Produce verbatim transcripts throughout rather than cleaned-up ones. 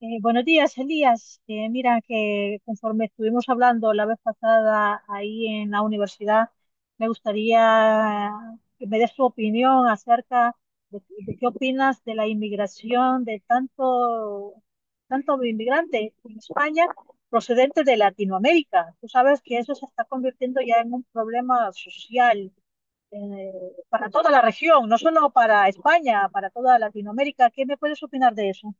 Eh, buenos días, Elías. Eh, mira que conforme estuvimos hablando la vez pasada ahí en la universidad, me gustaría que me des tu opinión acerca de, de qué opinas de la inmigración de tanto, tanto inmigrante en España procedente de Latinoamérica. Tú sabes que eso se está convirtiendo ya en un problema social eh, para toda la región, no solo para España, para toda Latinoamérica. ¿Qué me puedes opinar de eso?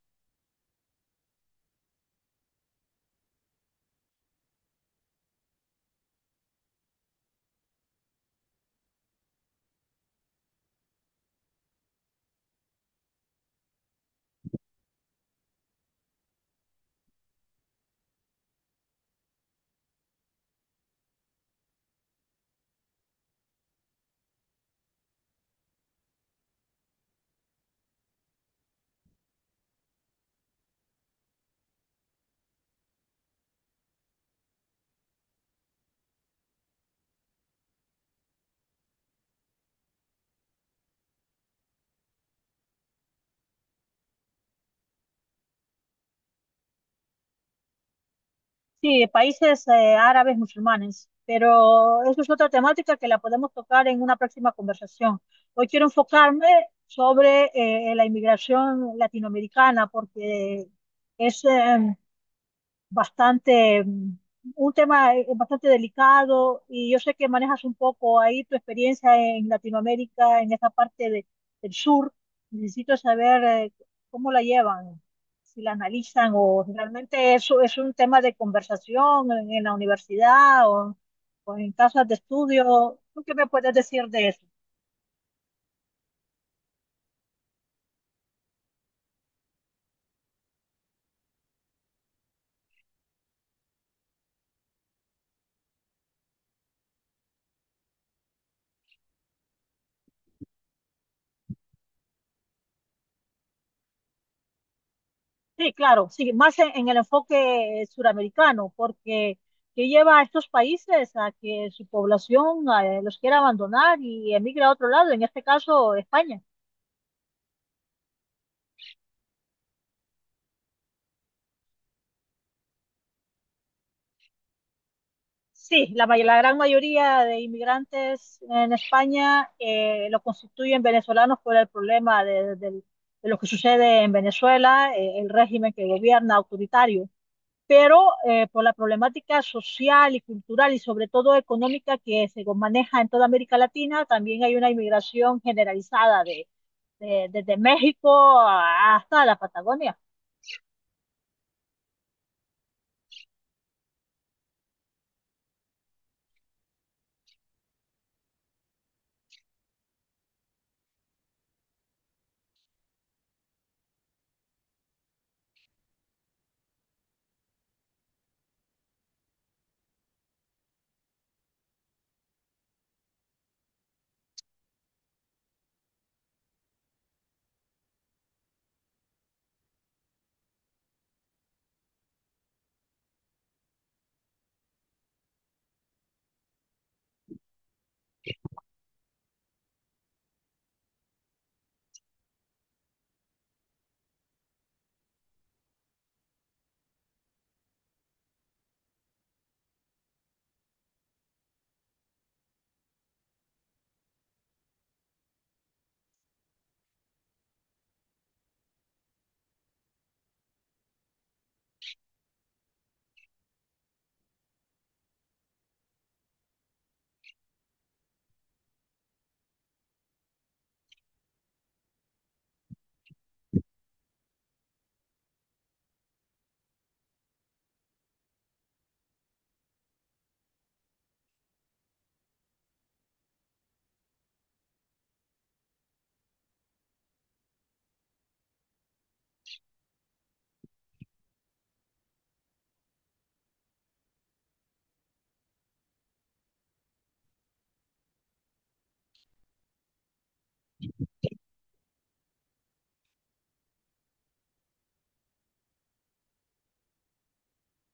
Sí, países eh, árabes musulmanes, pero eso es otra temática que la podemos tocar en una próxima conversación. Hoy quiero enfocarme sobre eh, la inmigración latinoamericana porque es, eh, bastante, mm, un tema eh, bastante delicado y yo sé que manejas un poco ahí tu experiencia en Latinoamérica, en esta parte de- del sur. Necesito saber eh, cómo la llevan, si la analizan o realmente eso es un tema de conversación en, en la universidad o, o en casas de estudio. ¿Tú qué me puedes decir de eso? Sí, claro, sí, más en, en el enfoque eh, suramericano, porque que lleva a estos países a que su población eh, los quiera abandonar y emigra a otro lado, en este caso España. Sí, la, may- la gran mayoría de inmigrantes en España eh, lo constituyen venezolanos por el problema de, de- de lo que sucede en Venezuela, eh, el régimen que gobierna autoritario. pero eh, por la problemática social y cultural y sobre todo económica que se maneja en toda América Latina, también hay una inmigración generalizada de, de- desde México hasta la Patagonia.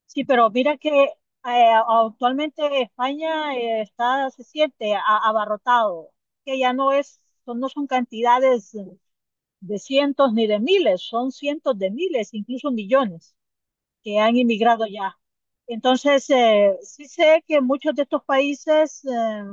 Sí, pero mira que eh, actualmente España eh, está, se siente a- abarrotado, que ya no es, son- no son cantidades de cientos ni de miles, son cientos de miles, incluso millones que han inmigrado ya. Entonces, eh, sí sé que muchos de estos países, eh,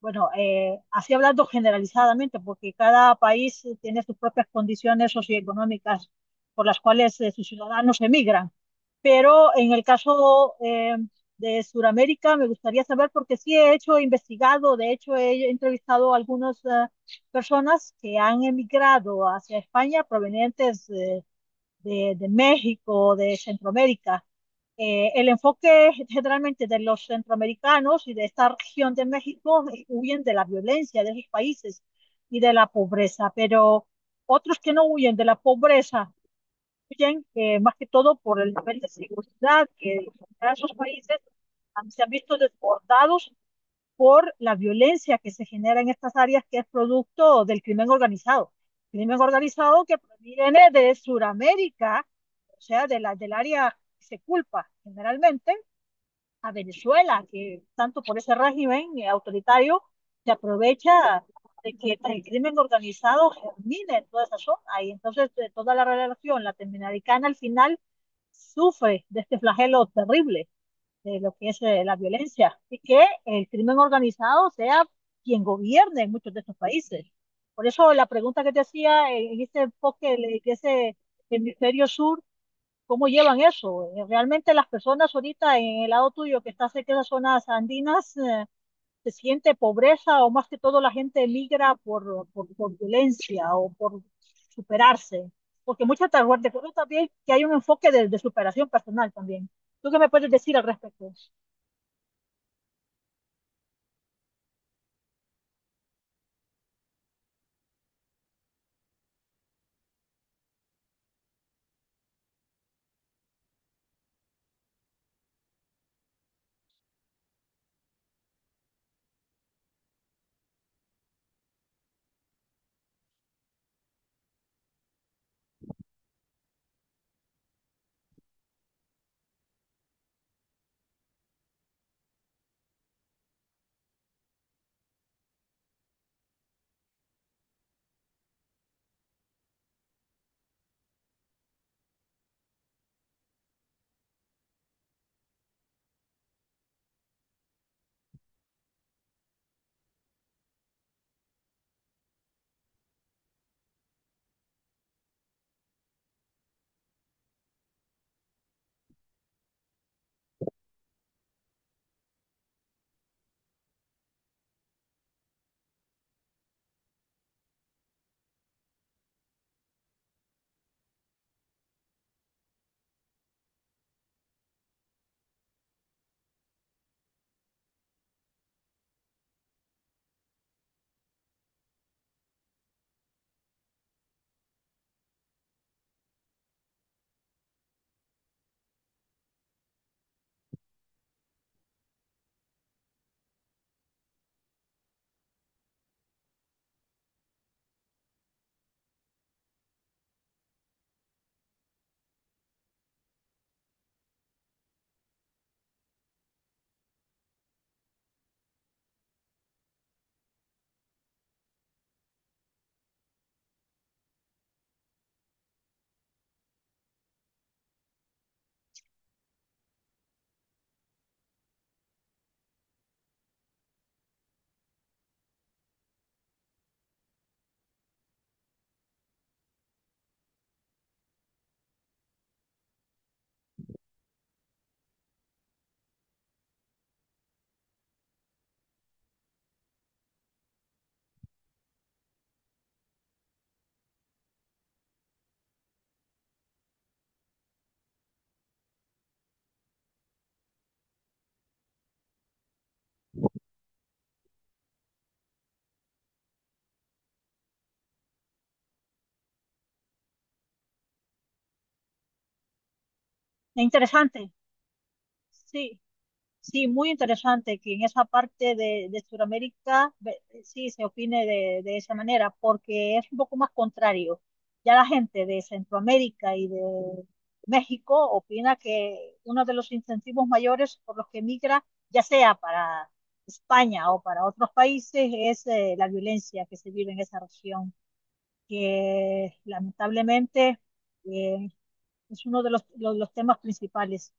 bueno, eh, así hablando generalizadamente, porque cada país tiene sus propias condiciones socioeconómicas por las cuales eh, sus ciudadanos emigran. Pero en el caso eh, de Sudamérica, me gustaría saber, porque sí he hecho, he investigado, de hecho he entrevistado a algunas eh, personas que han emigrado hacia España provenientes de de, de México, de Centroamérica. Eh, el enfoque generalmente de los centroamericanos y de esta región de México eh, huyen de la violencia de sus países y de la pobreza, pero otros que no huyen de la pobreza huyen eh, más que todo por el nivel de seguridad que en esos países han- se han visto desbordados por la violencia que se genera en estas áreas que es producto del crimen organizado. Crimen organizado que proviene de Sudamérica, o sea, de la, del área que se culpa generalmente a Venezuela, que tanto por ese régimen autoritario se aprovecha de que el crimen organizado germine en toda esa zona y entonces toda la relación latinoamericana al final sufre de este flagelo terrible de lo que es eh, la violencia y que el crimen organizado sea quien gobierne en muchos de estos países. Por eso la pregunta que te hacía eh, en este enfoque, de de ese hemisferio sur, ¿cómo llevan eso? Eh, Realmente las personas ahorita en el lado tuyo que está cerca de las zonas andinas, eh, ¿se siente pobreza o más que todo la gente migra por, por, por violencia o por superarse? Porque muchas te recuerdo también que hay un enfoque de, de superación personal también. ¿Tú qué me puedes decir al respecto? Interesante, sí, sí, muy interesante que en esa parte de, de Sudamérica ve- sí se opine de, de esa manera, porque es un poco más contrario. Ya la gente de Centroamérica y de México opina que uno de los incentivos mayores por los que migra, ya sea para España o para otros países, es eh, la violencia que se vive en esa región, que lamentablemente eh, es uno de los los- los temas principales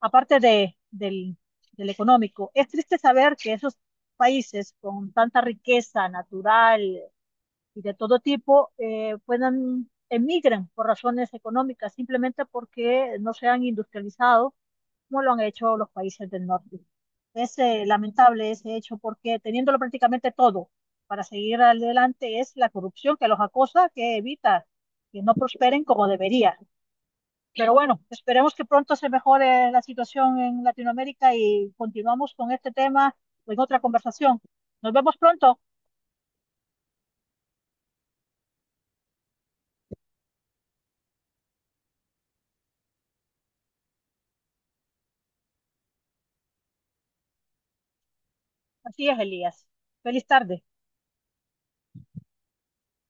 aparte de, del, del económico. Es triste saber que esos países con tanta riqueza natural y de todo tipo eh, puedan emigran por razones económicas, simplemente porque no se han industrializado como lo han hecho los países del norte. Es eh, lamentable ese hecho porque teniéndolo prácticamente todo para seguir adelante es la corrupción que los acosa, que evita que no prosperen como debería. Pero bueno, esperemos que pronto se mejore la situación en Latinoamérica y continuamos con este tema en otra conversación. Nos vemos pronto. Así es, Elías. Feliz tarde.